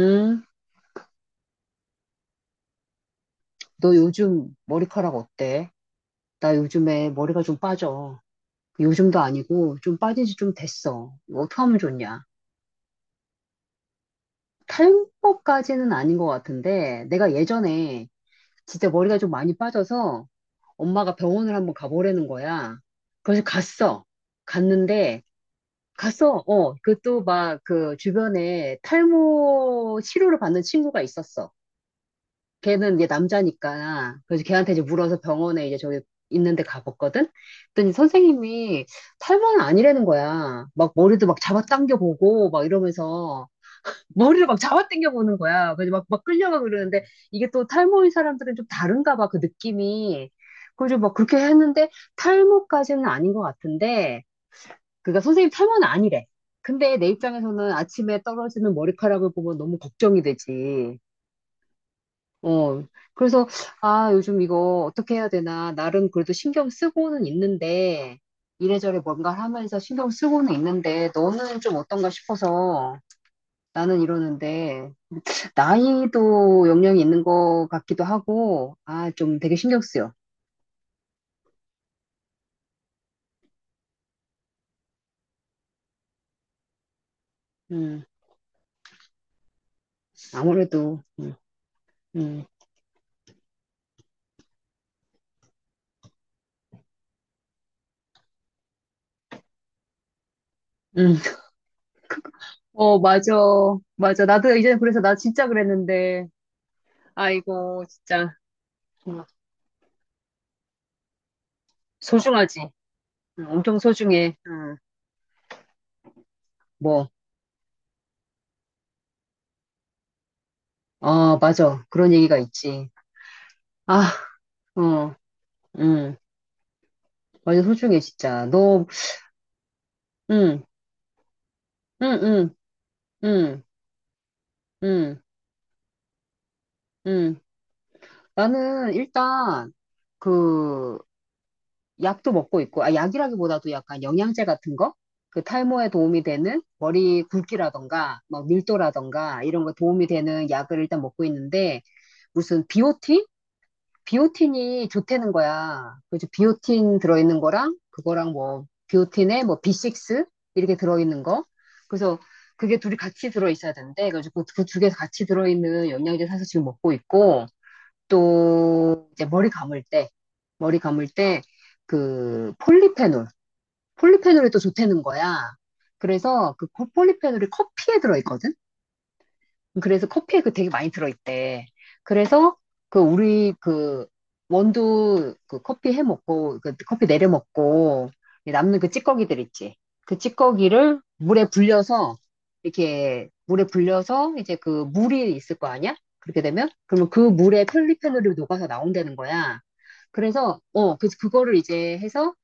응? 너 요즘 머리카락 어때? 나 요즘에 머리가 좀 빠져. 요즘도 아니고 좀 빠진 지 좀 됐어. 이거 어떻게 하면 좋냐? 탈모까지는 아닌 것 같은데 내가 예전에 진짜 머리가 좀 많이 빠져서 엄마가 병원을 한번 가보라는 거야. 그래서 갔어. 갔는데 그 또 막 그 주변에 탈모 치료를 받는 친구가 있었어. 걔는 이제 남자니까 그래서 걔한테 이제 물어서 병원에 이제 저기 있는데 가봤거든. 그랬더니 선생님이 탈모는 아니라는 거야. 막 머리도 막 잡아당겨 보고 막 이러면서 머리를 막 잡아당겨 보는 거야. 그래서 막 끌려가고 그러는데 이게 또 탈모인 사람들은 좀 다른가 봐, 그 느낌이. 그래서 막 그렇게 했는데 탈모까지는 아닌 것 같은데 그니까 선생님 탈모는 아니래. 근데 내 입장에서는 아침에 떨어지는 머리카락을 보면 너무 걱정이 되지. 어, 그래서, 아, 요즘 이거 어떻게 해야 되나. 나름 그래도 신경 쓰고는 있는데, 이래저래 뭔가 하면서 신경 쓰고는 있는데, 너는 좀 어떤가 싶어서 나는 이러는데, 나이도 영향이 있는 것 같기도 하고, 아, 좀 되게 신경 쓰여. 음, 아무래도, 음, 음. 어, 맞아. 맞아. 나도 이제 그래서 나 진짜 그랬는데, 아이고, 진짜. 음, 소중하지. 엄청 소중해. 뭐. 아, 맞아. 그런 얘기가 있지. 아, 어, 음, 완전 소중해, 진짜. 너, 음, 음, 음, 음, 음, 음. 나는 일단, 그, 약도 먹고 있고, 아, 약이라기보다도 약간 영양제 같은 거? 그 탈모에 도움이 되는 머리 굵기라던가, 막 밀도라던가, 이런 거 도움이 되는 약을 일단 먹고 있는데, 무슨 비오틴? 비오틴이 좋다는 거야. 그래서 비오틴 들어있는 거랑 그거랑 뭐 비오틴에 뭐 B6 이렇게 들어있는 거. 그래서 그게 둘이 같이 들어있어야 되는데 그래서 그두 개 같이 들어있는 영양제 사서 지금 먹고 있고 또 이제 머리 감을 때 그 폴리페놀이 또 좋다는 거야. 그래서 그 폴리페놀이 커피에 들어있거든. 그래서 커피에 그 되게 많이 들어있대. 그래서 그 우리 그 원두 그 커피 해 먹고 그 커피 내려 먹고 남는 그 찌꺼기들 있지. 그 찌꺼기를 물에 불려서 이렇게 물에 불려서 이제 그 물이 있을 거 아니야? 그렇게 되면 그러면 그 물에 폴리페놀이 녹아서 나온다는 거야. 그래서 그 그거를 이제 해서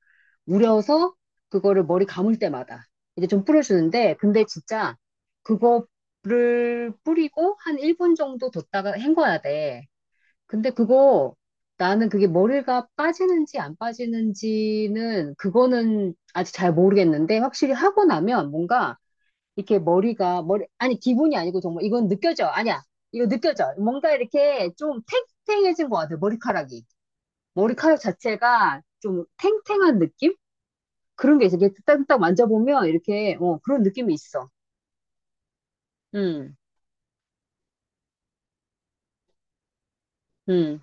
우려서 그거를 머리 감을 때마다 이제 좀 뿌려주는데 근데 진짜 그거를 뿌리고 한 1분 정도 뒀다가 헹궈야 돼. 근데 그거 나는 그게 머리가 빠지는지 안 빠지는지는 그거는 아직 잘 모르겠는데 확실히 하고 나면 뭔가 이렇게 머리가 머리 아니 기분이 아니고 정말 이건 느껴져. 아니야. 이거 느껴져. 뭔가 이렇게 좀 탱탱해진 것 같아. 머리카락이. 머리카락 자체가 좀 탱탱한 느낌? 그런 게 있어. 이렇게 딱딱 만져보면 이렇게 어, 그런 느낌이 있어. 음, 음,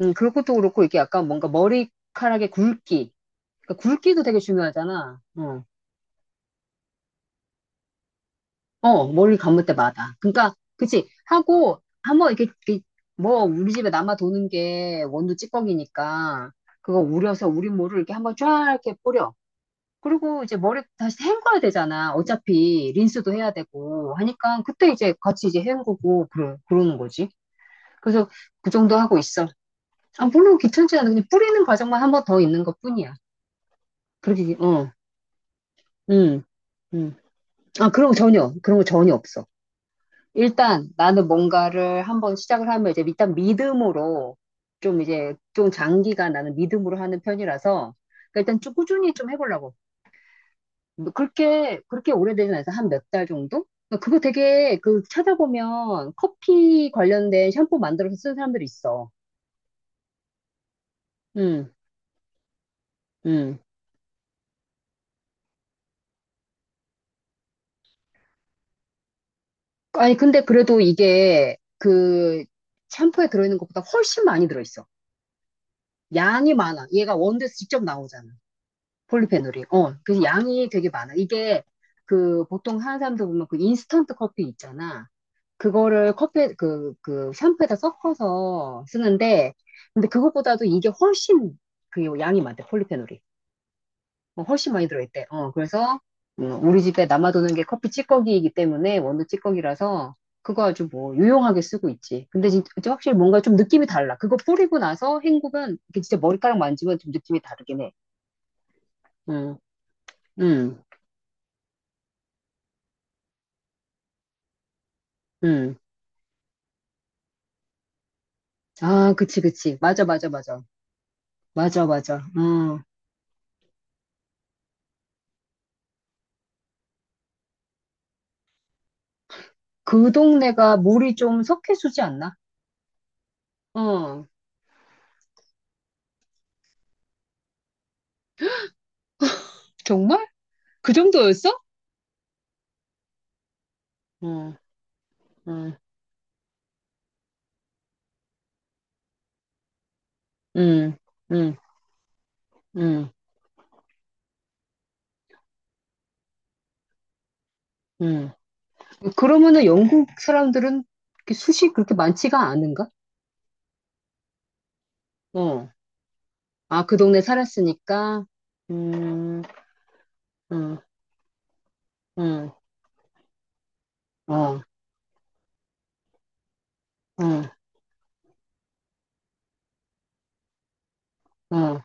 그것도 그렇고 이게 약간 뭔가 머리카락의 굵기. 그러니까 굵기도 되게 중요하잖아. 어, 어, 머리 감을 때마다. 그러니까 그치 하고 한번 이렇게 뭐 우리 집에 남아 도는 게 원두 찌꺼기니까 그거 우려서 우리 모를 이렇게 한번 쫙 이렇게 뿌려. 그리고 이제 머리 다시 헹궈야 되잖아. 어차피 린스도 해야 되고 하니까 그때 이제 같이 이제 헹구고 그러는 거지. 그래서 그 정도 하고 있어. 아, 물론 귀찮지 않아. 그냥 뿌리는 과정만 한번 더 있는 것뿐이야. 그렇게, 어, 음, 음. 아, 그런 거 전혀 없어. 일단 나는 뭔가를 한번 시작을 하면 이제 일단 믿음으로 좀 이제 좀 장기간 나는 믿음으로 하는 편이라서 그러니까 일단 좀 꾸준히 좀 해보려고. 뭐 그렇게 오래되진 않아서 한 몇 달 정도? 그러니까 그거 되게 그 찾아보면 커피 관련된 샴푸 만들어서 쓰는 사람들이 있어. 음, 음. 아니, 근데 그래도 이게 그 샴푸에 들어있는 것보다 훨씬 많이 들어있어. 양이 많아. 얘가 원두에서 직접 나오잖아. 폴리페놀이. 어, 그래서 양이 되게 많아. 이게 그 보통 하는 사람들 보면 그 인스턴트 커피 있잖아. 그거를 그 샴푸에다 섞어서 쓰는데, 근데 그것보다도 이게 훨씬 그 양이 많대, 폴리페놀이. 어, 훨씬 많이 들어있대. 어, 그래서 우리 집에 남아도는 게 커피 찌꺼기이기 때문에 원두 찌꺼기라서 그거 아주 뭐 유용하게 쓰고 있지. 근데 진짜 확실히 뭔가 좀 느낌이 달라. 그거 뿌리고 나서 헹구면 이게 진짜 머리카락 만지면 좀 느낌이 다르긴 해. 응, 응, 응. 아, 그치. 맞아, 맞아, 맞아. 맞아, 맞아. 어. 그 동네가 물이 좀 석회수지 않나? 어. 정말? 그 정도였어? 응, 응, 응, 응, 응, 응. 그러면은 영국 사람들은 이렇게 숱이 그렇게 많지가 않은가? 어. 아, 그 동네 살았으니까, 음, 음, 음, 어, 어, 어.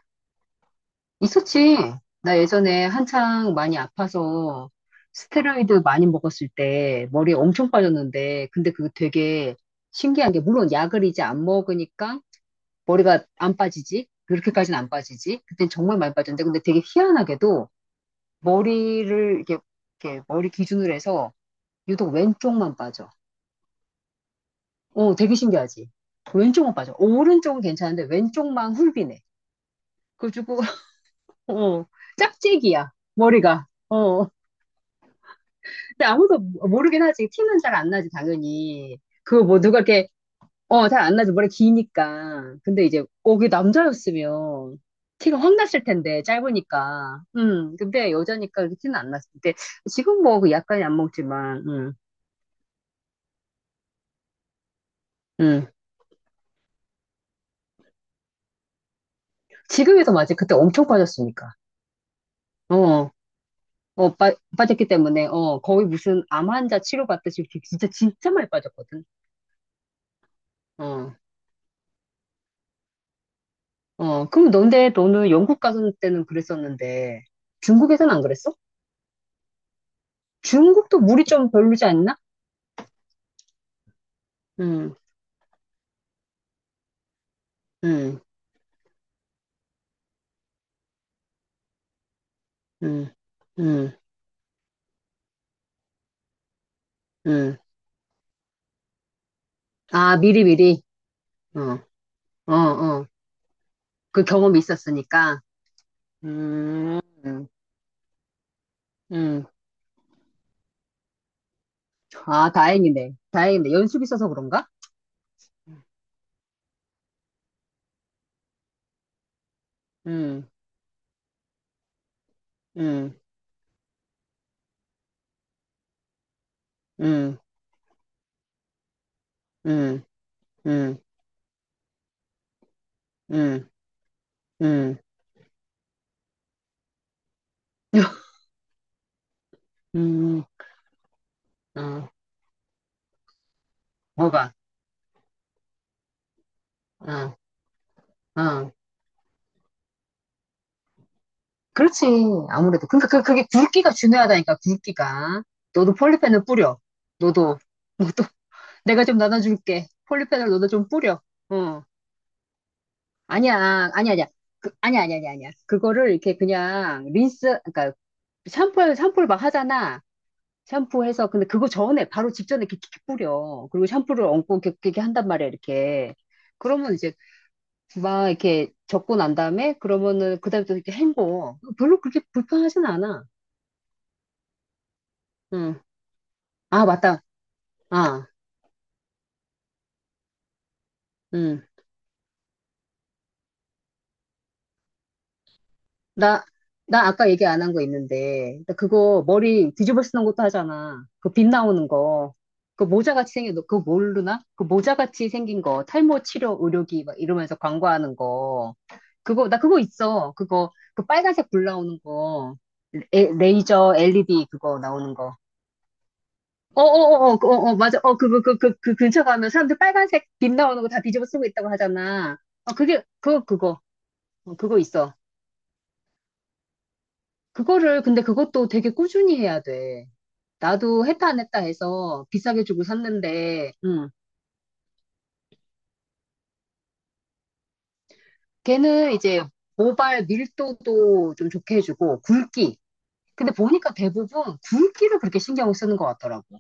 있었지. 나 예전에 한창 많이 아파서 스테로이드 많이 먹었을 때 머리에 엄청 빠졌는데, 근데 그거 되게 신기한 게, 물론 약을 이제 안 먹으니까 머리가 안 빠지지. 그렇게까지는 안 빠지지. 그땐 정말 많이 빠졌는데, 근데 되게 희한하게도 머리를 이렇게 머리 기준으로 해서 유독 왼쪽만 빠져. 어, 되게 신기하지? 왼쪽만 빠져. 오른쪽은 괜찮은데 왼쪽만 훌비네. 그래가지고, 어, 짝짝이야, 머리가. 어, 근데 아무도 모르긴 하지. 티는 잘 안 나지, 당연히. 그거 뭐 누가 이렇게, 어, 잘 안 나지. 머리 기니까. 근데 이제, 어, 그게 남자였으면 티가 확 났을 텐데, 짧으니까. 근데 여자니까 이렇게 티는 안 났을 때. 지금 뭐 약간이 안 먹지만, 음. 지금에서 맞지. 그때 엄청 빠졌으니까. 어. 어, 빠졌기 때문에, 어, 거의 무슨 암 환자 치료받듯이 이렇게 진짜, 진짜 많이 빠졌거든. 어, 어, 그럼 너네, 너는 영국 가서 때는 그랬었는데, 중국에선 안 그랬어? 중국도 물이 좀 별로지 않나? 응, 응, 응, 응, 응. 아, 미리미리. 어, 어, 어. 그 경험이 있었으니까. 음, 음. 음. 아, 다행이네. 다행이네. 연습 있어서 그런가? 음, 음, 음, 음, 음, 음, 음. 음. 응, 뭐가? 응, 응. 그렇지. 아무래도. 그러니까 그, 그게 굵기가 중요하다니까, 굵기가. 너도 폴리펜을 뿌려. 너도, 너도, 내가 좀 나눠줄게. 폴리펜을 너도 좀 뿌려. 어. 아니야, 아니야, 아니야. 아니야, 아니야, 아니야, 아니야. 그거를 이렇게 그냥 린스, 그러니까 샴푸를 막 하잖아. 샴푸해서. 근데 그거 전에, 바로 직전에 이렇게 뿌려. 그리고 샴푸를 얹고 이렇게 한단 말이야, 이렇게. 그러면 이제 막 이렇게 적고 난 다음에 그러면은 그다에 또 이렇게 헹궈. 별로 그렇게 불편하진 않아. 응. 아, 맞다. 아, 응. 나, 나 아까 얘기 안 한 거 있는데. 나 그거 머리 뒤집어 쓰는 것도 하잖아. 그 빛 나오는 거. 그거 모르나? 그 모자같이 생긴 거. 탈모 치료 의료기 막 이러면서 광고하는 거. 나 그거 있어. 그 빨간색 불 나오는 거. 레이저 LED 그거 나오는 거. 어어어어, 어, 어, 맞아. 어, 그 근처 가면 사람들 빨간색 빛 나오는 거 다 뒤집어 쓰고 있다고 하잖아. 어, 그거. 어, 그거 있어. 그거를, 근데 그것도 되게 꾸준히 해야 돼. 나도 했다 안 했다 해서 비싸게 주고 샀는데, 걔는 이제 모발 밀도도 좀 좋게 해주고, 굵기. 근데 보니까 대부분 굵기를 그렇게 신경을 쓰는 것 같더라고.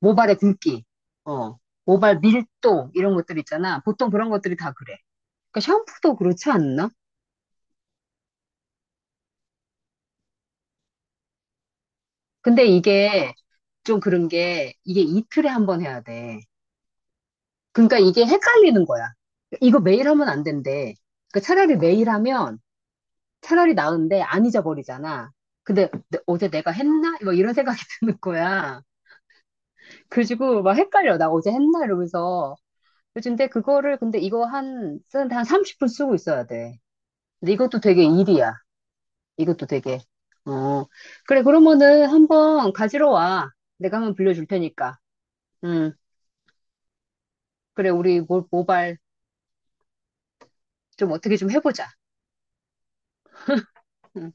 모발의 굵기. 어. 모발 밀도, 이런 것들 있잖아. 보통 그런 것들이 다 그래. 그러니까 샴푸도 그렇지 않나? 근데 이게 좀 그런 게 이게 이틀에 한 번 해야 돼. 그러니까 이게 헷갈리는 거야. 이거 매일 하면 안 된대. 그러니까 차라리 매일 하면 차라리 나은데 안 잊어버리잖아. 근데 어제 내가 했나? 뭐 이런 생각이 드는 거야. 그래가지고 막 헷갈려. 나 어제 했나? 이러면서. 요즘데 그거를 근데 이거 쓰는데 한 30분 쓰고 있어야 돼. 근데 이것도 되게 일이야. 이것도 되게. 어. 그래, 그러면은 한번 가지러 와. 내가 한번 빌려줄 테니까. 음. 그래, 우리 모발 좀 어떻게 좀 해보자. 응.